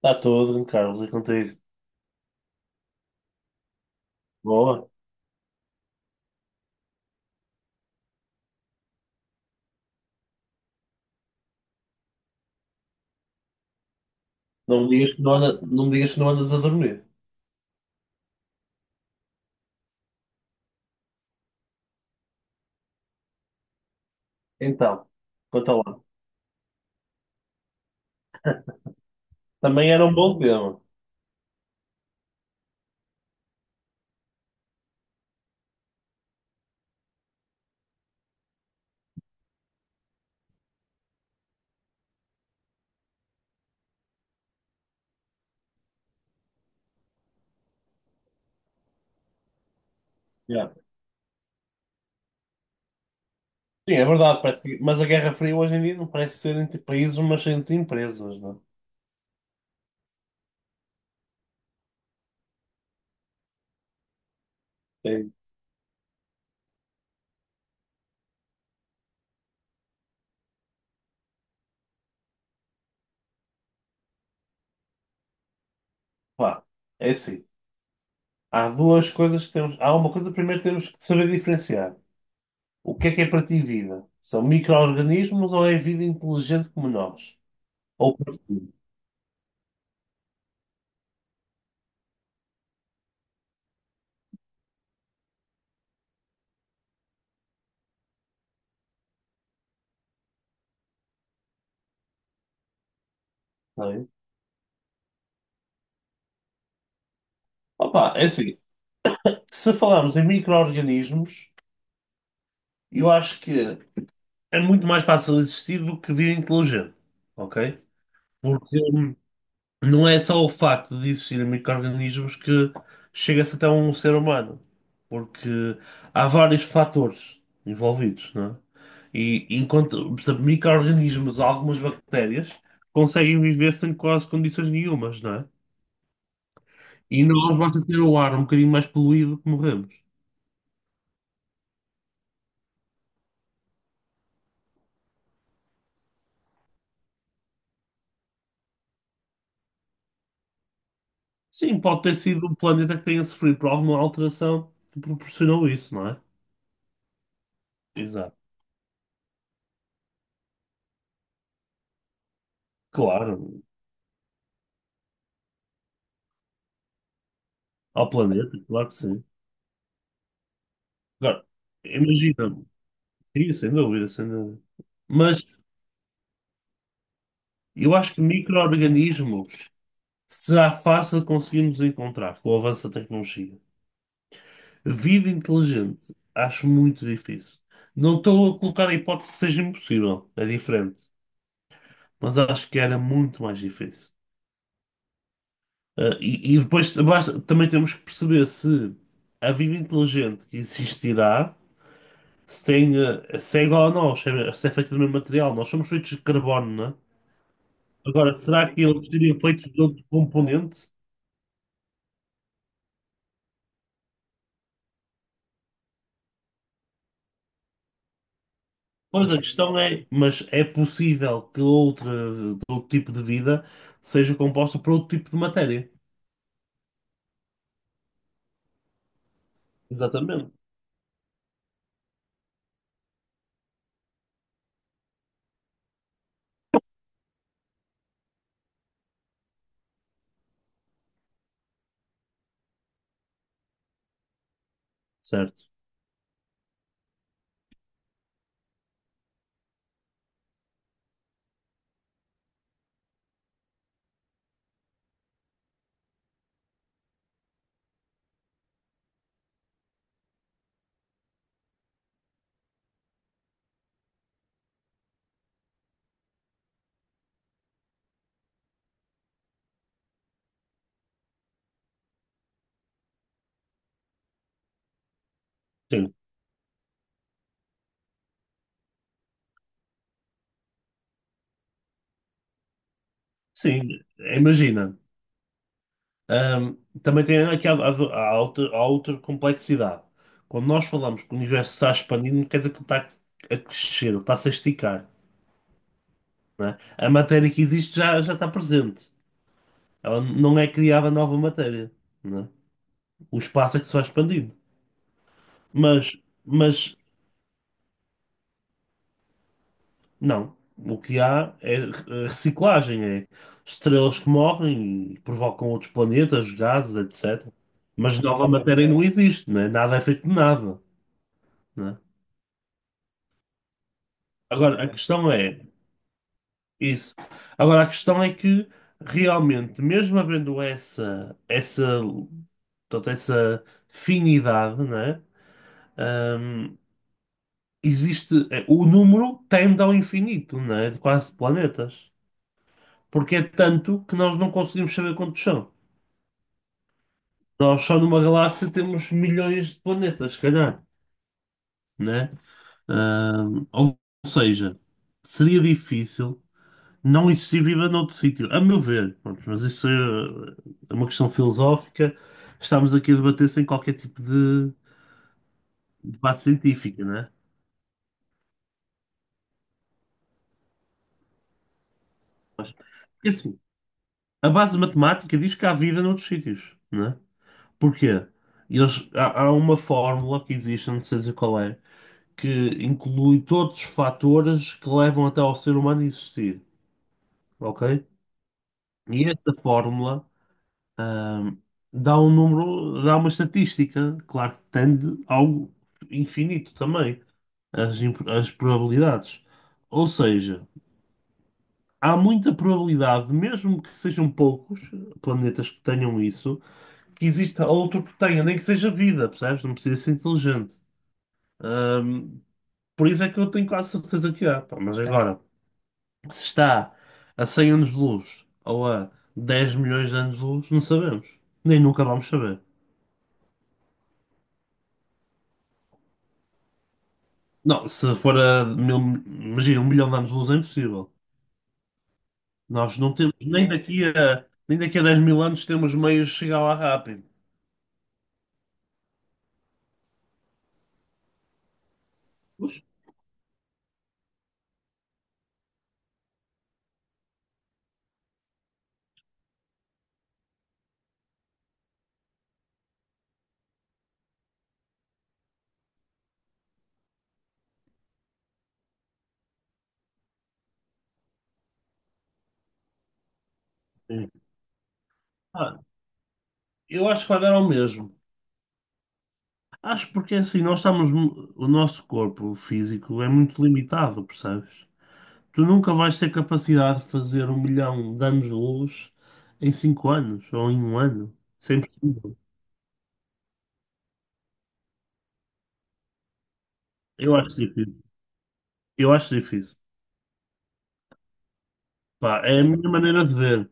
Está tudo, Carlos, e contigo? Boa. Não me digas que não me digas que não andas a dormir. Então, conta lá. Também era um bom tema. Yeah. Sim, é verdade, mas a Guerra Fria hoje em dia não parece ser entre países, mas entre empresas, não é? É, pá, é assim. Há duas coisas que temos. Há uma coisa, primeiro temos que saber diferenciar. O que é para ti vida? São micro-organismos ou é vida inteligente como nós? Ou parecido, não é? Opa, é assim. Se falarmos em micro-organismos, eu acho que. É muito mais fácil existir do que vida inteligente, ok? Porque não é só o facto de existirem micro-organismos que chega-se até um ser humano, porque há vários fatores envolvidos, não é? E enquanto, por exemplo, micro-organismos, algumas bactérias, conseguem viver sem quase condições nenhumas, não é? E nós basta ter o ar um bocadinho mais poluído que morremos. Sim, pode ter sido um planeta que tenha sofrido por alguma alteração que proporcionou isso, não é? Exato. Claro, ao planeta, claro que sim. Agora, imagina, sim, sem dúvida, sem dúvida. Mas eu acho que micro-organismos será fácil conseguirmos encontrar com o avanço da tecnologia. Vida inteligente, acho muito difícil. Não estou a colocar a hipótese que seja impossível, é diferente. Mas acho que era muito mais difícil. E também temos que perceber se a vida inteligente que existirá. Se tem, se é igual a nós, se é feito do mesmo material, nós somos feitos de carbono, não é? Agora, será que eles seriam feitos de outro componente? Pois a questão é, mas é possível outro tipo de vida seja composta por outro tipo de matéria. Exatamente. Certo. Sim. Sim, imagina. Ahm, também tem aqui há outra complexidade. Quando nós falamos que o universo está expandindo, não quer dizer que ele está a crescer, ele está a se esticar. Né? A matéria que existe já está presente. Ela não é criada nova matéria, né? O espaço é que se vai expandindo. Mas, mas não. O que há é reciclagem, é estrelas que morrem e provocam outros planetas, gases, etc. Mas nova matéria não existe, né? Nada é feito de nada, né? Agora, a questão é isso. Agora, a questão é que realmente, mesmo havendo toda essa finidade, né? Ahm, existe, o número tende ao infinito, não é? De quase planetas. Porque é tanto que nós não conseguimos saber quantos são. Nós só numa galáxia temos milhões de planetas, se calhar, né? Ou seja, seria difícil não existir vida noutro sítio, a meu ver. Pronto, mas é uma questão filosófica. Estamos aqui a debater sem qualquer tipo de base científica, né? Mas, porque assim, a base matemática diz que há vida noutros sítios, não é? Porquê? Há uma fórmula que existe, não sei dizer qual é, que inclui todos os fatores que levam até ao ser humano existir, ok? E essa fórmula, ahm, dá um número, dá uma estatística, claro que tende ao infinito também, as probabilidades. Ou seja, há muita probabilidade, mesmo que sejam poucos planetas que tenham isso, que exista outro que tenha, nem que seja vida, percebes? Não precisa ser inteligente. Ahm, por isso é que eu tenho quase certeza que há. Pá. Mas agora, se está a 100 anos de luz ou a 10 milhões de anos de luz, não sabemos. Nem nunca vamos saber. Não, se for a mil, imagina, 1 milhão de anos de luz é impossível. Nós não temos, nem daqui a 10 mil anos temos meios de chegar lá rápido. Sim. Ah, eu acho que vai dar ao mesmo. Acho porque assim, o nosso corpo físico é muito limitado, percebes? Tu nunca vais ter capacidade de fazer 1 milhão de anos de luz em 5 anos ou em um ano. Isso é impossível. Eu acho difícil. Eu acho difícil. Pá, é a minha maneira de ver.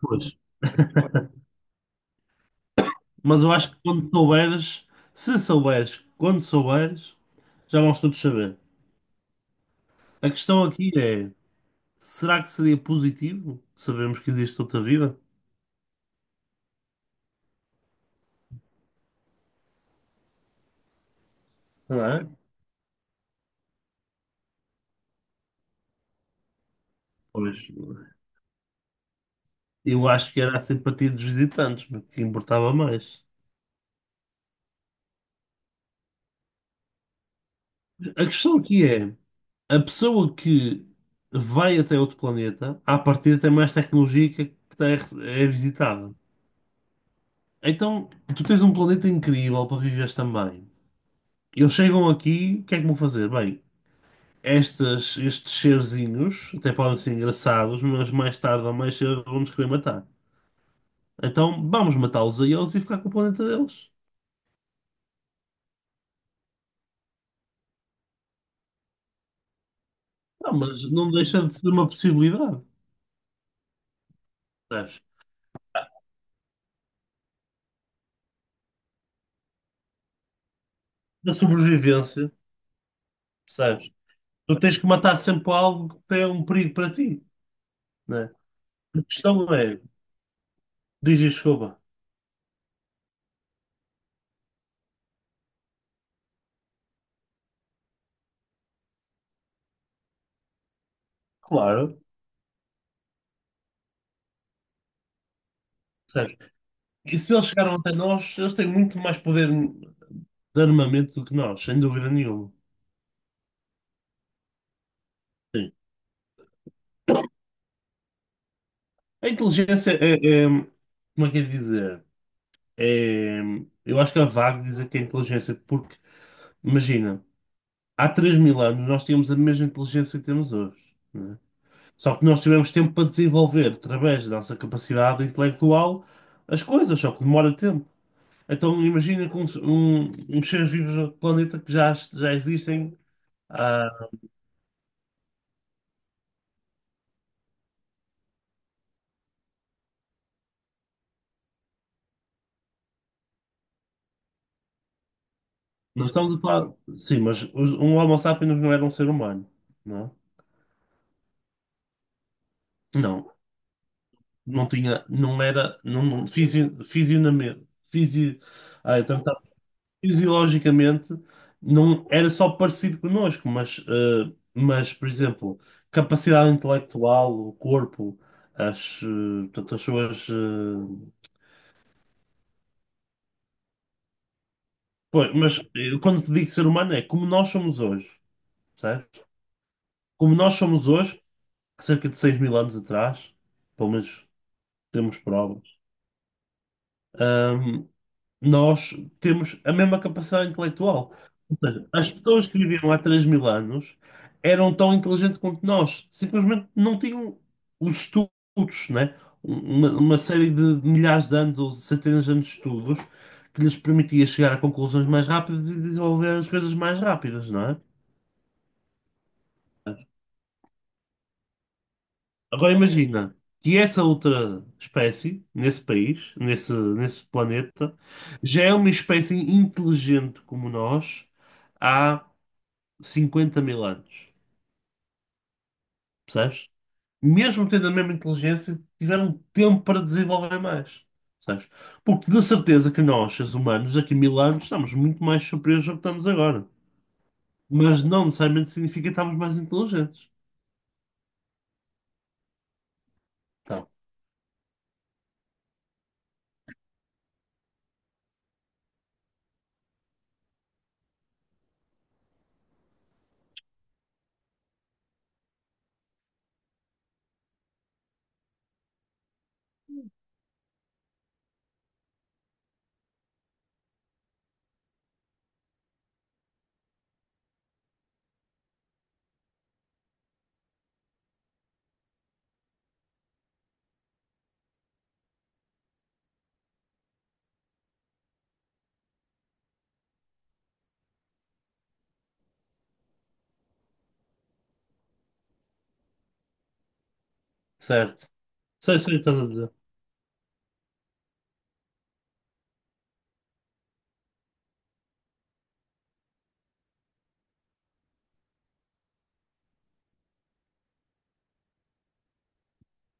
Pois. Mas eu acho que quando souberes, se souberes, quando souberes, já vamos todos saber. A questão aqui é, será que seria positivo? Sabemos que existe outra vida? Não é? Pois. Eu acho que era a simpatia dos visitantes que importava mais. A questão aqui é, a pessoa que vai até outro planeta, à partida tem mais tecnologia que é visitada. Então, tu tens um planeta incrível para viveres também. Eles chegam aqui, o que é que vão fazer? Bem, estes serzinhos até podem ser engraçados, mas mais tarde ou mais cedo vão-nos querer matar. Então, vamos matá-los a eles e ficar com o planeta deles. Não, mas não deixa de ser uma possibilidade. Percebes? Da sobrevivência, percebes? Tu tens que matar sempre algo que tem um perigo para ti, né? A questão é, diz e desculpa. Claro, percebes? E se eles chegaram até nós, eles têm muito mais poder de armamento do que nós, sem dúvida nenhuma. Sim. A inteligência é, é- como é que é de dizer? É, eu acho que é vago dizer que é inteligência, porque, imagina, há 3 mil anos nós tínhamos a mesma inteligência que temos hoje. Só que nós tivemos tempo para desenvolver, através da nossa capacidade intelectual, as coisas, só que demora tempo. Então imagina com uns seres vivos do planeta já existem. ah, não estamos a falar. Sim, mas um Homo sapiens não era um ser humano, não é? Não, não tinha, não era, não, não, fisio, fisionami- fisio, ah, fisiologicamente não era só parecido connosco, mas, mas por exemplo, capacidade intelectual, o corpo, portanto, pois, mas quando te digo ser humano é como nós somos hoje, certo. Como nós somos hoje, há cerca de 6 mil anos atrás, pelo menos temos prova. Ahm, nós temos a mesma capacidade intelectual. Ou seja, as pessoas que viviam há 3 mil anos eram tão inteligentes quanto nós, simplesmente não tinham os estudos, né? Uma série de milhares de anos ou centenas de anos de estudos que lhes permitia chegar a conclusões mais rápidas e desenvolver as coisas mais rápidas, não é? Agora imagina que essa outra espécie, nesse planeta, já é uma espécie inteligente como nós há 50 mil anos. Percebes? Mesmo tendo a mesma inteligência, tiveram tempo para desenvolver mais. Percebes? Porque de certeza que nós, seres humanos, daqui a 1000 anos, estamos muito mais superiores ao que estamos agora. Mas não necessariamente significa que estamos mais inteligentes. Então, certo. Sei, sei o que estás a dizer.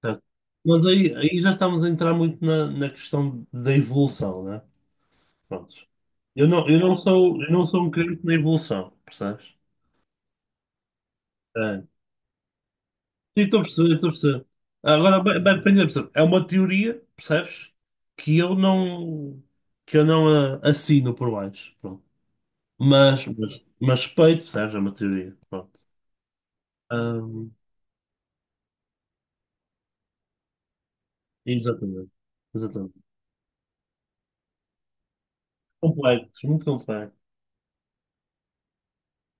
Certo. Mas aí já estamos a entrar muito na, na questão da evolução, né? Prontos. Eu não sou um crente na evolução, percebes? É. Sim, estou a perceber, estou a perceber. Agora, bem, percebe? É uma teoria, percebes? Que eu não, que eu não assino por baixo. Pronto. Mas respeito, percebes? É uma teoria. Pronto. Ahm, exatamente. Exatamente. Complexo, muito complexo.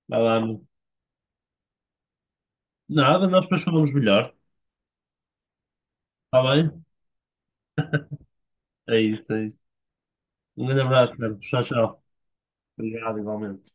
Vai lá, amigo. Nada, nós depois falamos melhor. Está bem? É isso, é isso. Um grande abraço, Carlos. Tchau, tchau. Obrigado, igualmente.